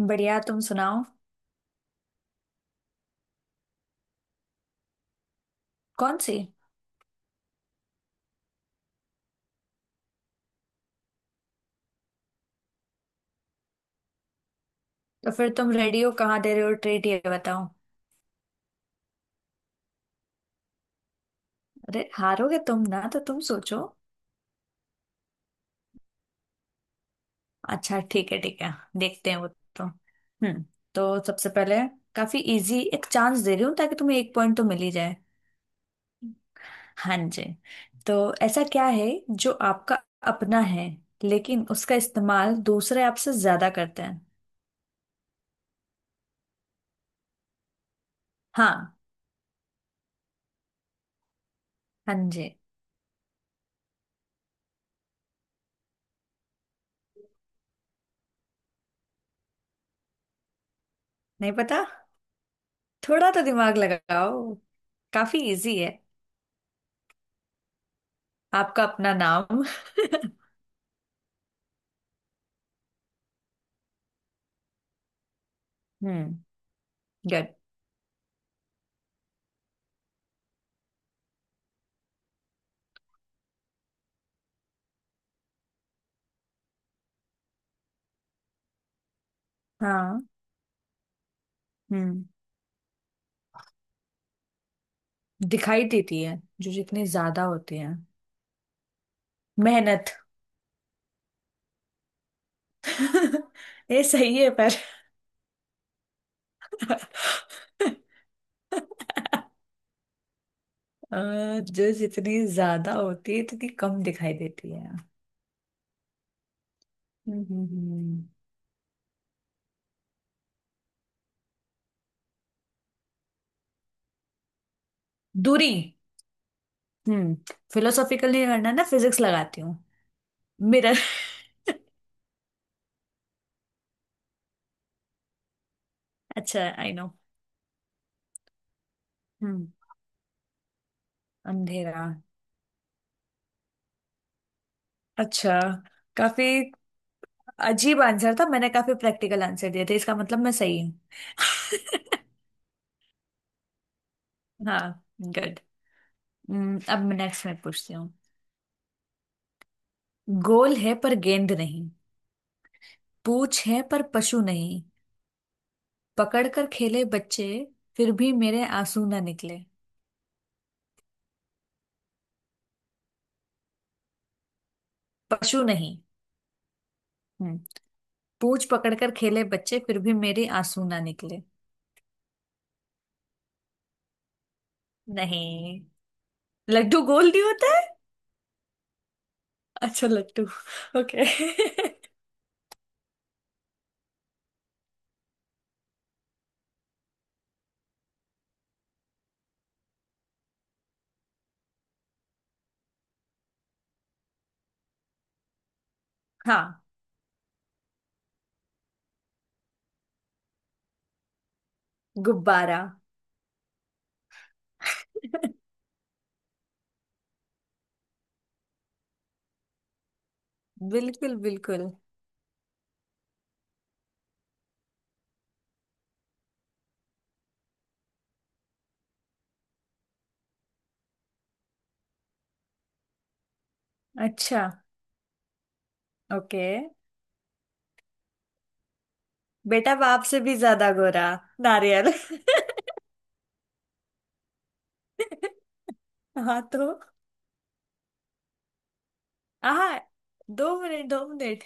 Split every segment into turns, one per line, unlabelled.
बढ़िया, तुम सुनाओ। कौन सी? तो फिर तुम रेडी हो, कहाँ दे रहे हो ट्रीट, ये बताओ। अरे, हारोगे तुम ना, तो तुम सोचो। अच्छा, ठीक है ठीक है। देखते हैं वो। तो हम्म। तो सबसे पहले काफी इजी एक चांस दे रही हूँ, ताकि तुम्हें एक पॉइंट तो मिल ही जाए। हाँ जी। तो ऐसा क्या है जो आपका अपना है, लेकिन उसका इस्तेमाल दूसरे आपसे ज्यादा करते हैं? हाँ। हाँ जी। नहीं पता? थोड़ा तो दिमाग लगाओ, काफी इजी है। आपका अपना नाम। हम्म। गुड। हाँ। हम्म। दिखाई देती है। जो जितने ज्यादा होते हैं। मेहनत। ये सही है, पर। अ, जो जितनी ज्यादा होती है, उतनी कम दिखाई देती है। हम्म हम्म हम्म। दूरी। हम्म। फिलोसॉफिकल नहीं करना ना, फिजिक्स लगाती हूँ। मिरर। अच्छा, आई नो। हम्म, अंधेरा। अच्छा। काफी अजीब आंसर था, मैंने काफी प्रैक्टिकल आंसर दिए थे, इसका मतलब मैं सही हूँ। हाँ, गुड। अब मैं नेक्स्ट मैं पूछती हूँ। गोल है पर गेंद नहीं, पूछ है पर पशु नहीं, पकड़ कर खेले बच्चे, फिर भी मेरे आंसू ना निकले। पशु नहीं। हम्म। पूछ पकड़ कर खेले बच्चे, फिर भी मेरे आंसू ना निकले। नहीं, लड्डू गोल नहीं होता है। अच्छा, लट्टू। ओके। हाँ। गुब्बारा। बिल्कुल बिल्कुल। अच्छा। ओके। बेटा बाप से भी ज्यादा गोरा। नारियल। हाँ तो। हाँ, दो मिनट दो मिनट।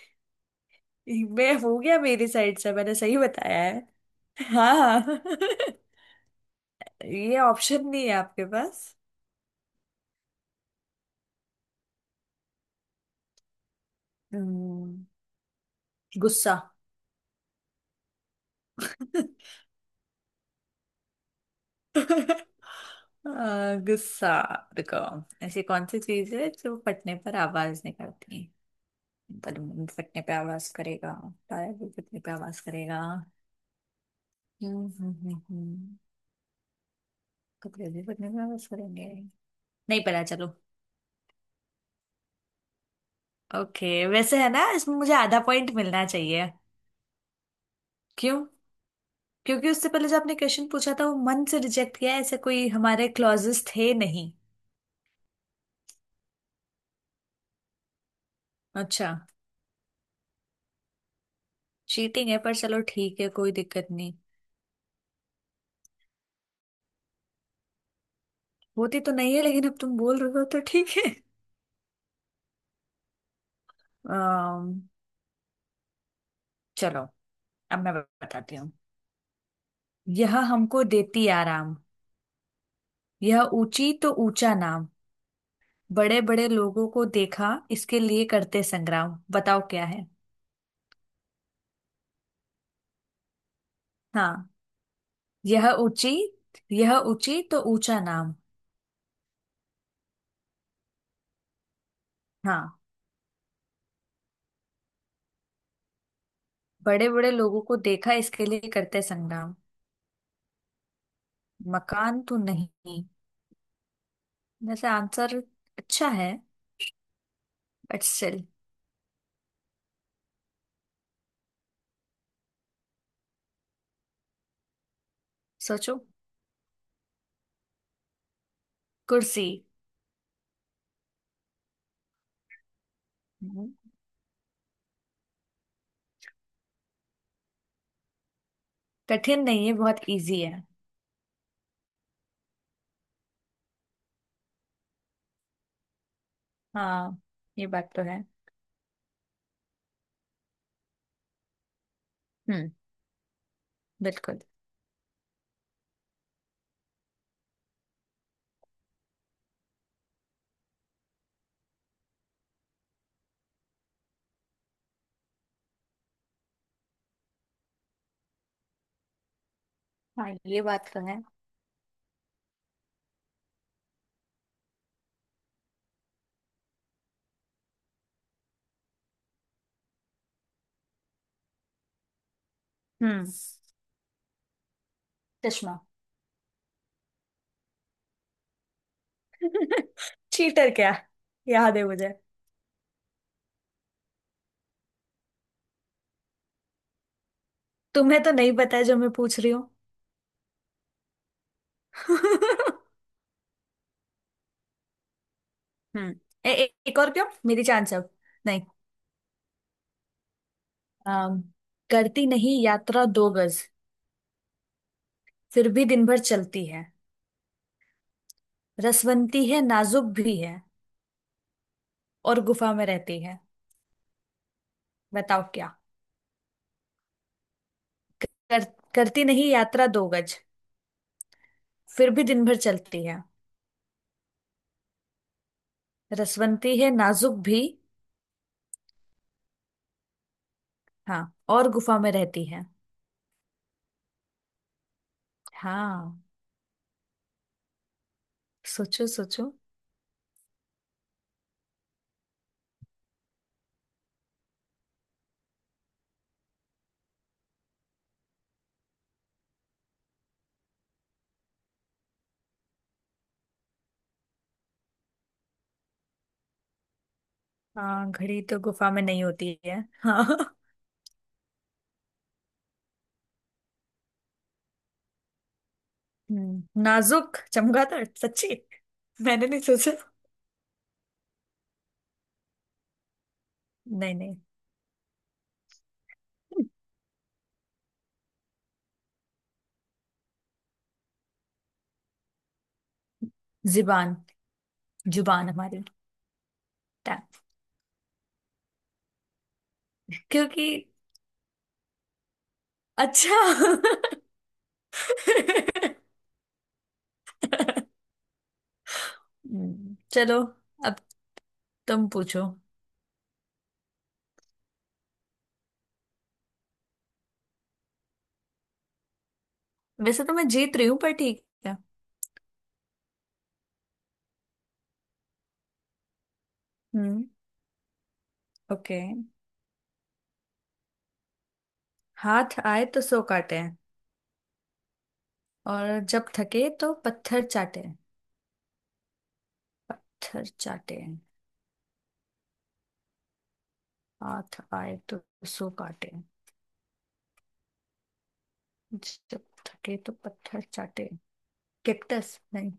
मैं हो गया, मेरी साइड से मैंने सही बताया है। हाँ। ये ऑप्शन नहीं है आपके पास। हम्म, गुस्सा। गुस्सा। रुको, ऐसी कौन सी चीज है जो फटने पर आवाज निकालती है? बलून भी फटने पे आवाज करेगा, टायर भी फटने पे आवाज करेगा। हम्म हम्म हम्म हम्म। कपड़े भी पहनने में वापस करेंगे। नहीं पता, चलो। ओके, वैसे है ना, इसमें मुझे आधा पॉइंट मिलना चाहिए। क्यों? क्योंकि उससे पहले जो आपने क्वेश्चन पूछा था, वो मन से रिजेक्ट किया है, ऐसे कोई हमारे क्लॉजेस थे नहीं। अच्छा। चीटिंग है, पर चलो ठीक है, कोई दिक्कत नहीं। होती तो नहीं है, लेकिन अब तुम बोल रहे हो तो ठीक है। अम्म, चलो, अब मैं बताती हूँ। यह हमको देती आराम, यह ऊंची तो ऊंचा नाम, बड़े बड़े लोगों को देखा इसके लिए करते संग्राम। बताओ क्या है। हाँ। यह ऊंची। यह ऊंची तो ऊंचा नाम। हाँ। बड़े बड़े लोगों को देखा इसके लिए करते संग्राम। मकान तो नहीं। वैसे आंसर अच्छा है, बट स्टिल। सोचो। कुर्सी। हम्म। कठिन नहीं है, बहुत इजी है। हाँ, ये बात तो है। हम्म, बिल्कुल। हाँ, ये बात तो है। हम्म। चश्मा। चीटर क्या, याद है मुझे। तुम्हें तो नहीं पता है जो मैं पूछ रही हूँ। हम्म। ए, ए, एक और क्यों, मेरी चांस अब। नहीं। अम, करती नहीं यात्रा दो गज, फिर भी दिन भर चलती है, रसवंती है नाजुक भी है, और गुफा में रहती है। बताओ क्या। कर, करती नहीं यात्रा दो गज, फिर भी दिन भर चलती है। रसवंती है, नाजुक भी। हाँ, और गुफा में रहती है। हाँ। सोचो सोचो। हाँ, घड़ी तो गुफा में नहीं होती है। हाँ। नाजुक चमगादड़ सच्ची, मैंने नहीं सोचा। नहीं नहीं। जुबान। जुबान हमारी। टा- क्योंकि। अच्छा। चलो। अब तुम पूछो। वैसे तो मैं जीत रही हूँ, पर ठीक है। हम्म। ओके। हाथ आए तो सो काटे, और जब थके तो पत्थर चाटे। पत्थर चाटे। हाथ आए तो सो काटे, जब थके तो पत्थर चाटे। कैक्टस नहीं।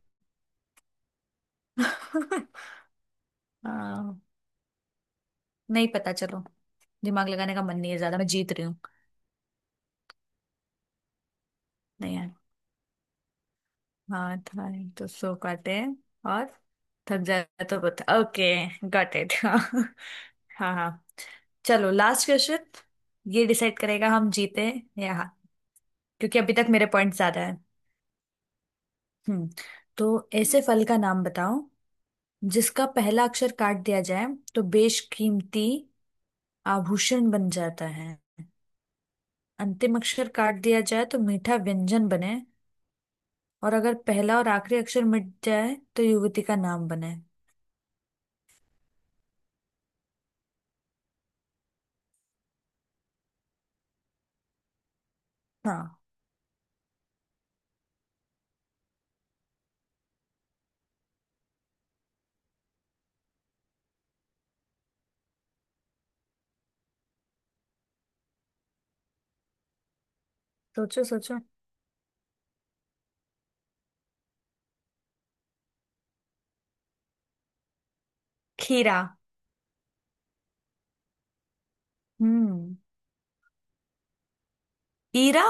आ, नहीं पता, चलो। दिमाग लगाने का मन नहीं है ज्यादा, मैं जीत रही हूँ। नहीं है। हाँ, थाई तो सो काटे। और थक जाए तो बता। ओके। Got it. हाँ हाँ हाँ। चलो, लास्ट क्वेश्चन। ये डिसाइड करेगा हम जीते या हार। क्योंकि अभी तक मेरे पॉइंट ज्यादा है। हम्म। तो ऐसे फल का नाम बताओ, जिसका पहला अक्षर काट दिया जाए तो बेशकीमती आभूषण बन जाता है, अंतिम अक्षर काट दिया जाए तो मीठा व्यंजन बने, और अगर पहला और आखिरी अक्षर मिट जाए तो युवती का नाम बने। हाँ। सोचो सोचो। खीरा। हम्म। ईरा।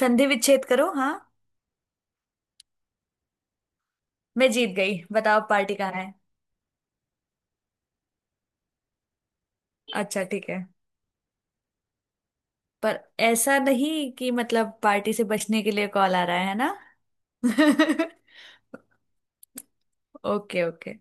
संधि विच्छेद करो। हाँ, मैं जीत गई, बताओ पार्टी कहाँ है। अच्छा ठीक है। पर ऐसा नहीं कि मतलब पार्टी से बचने के लिए कॉल आ रहा है ना? Okay okay.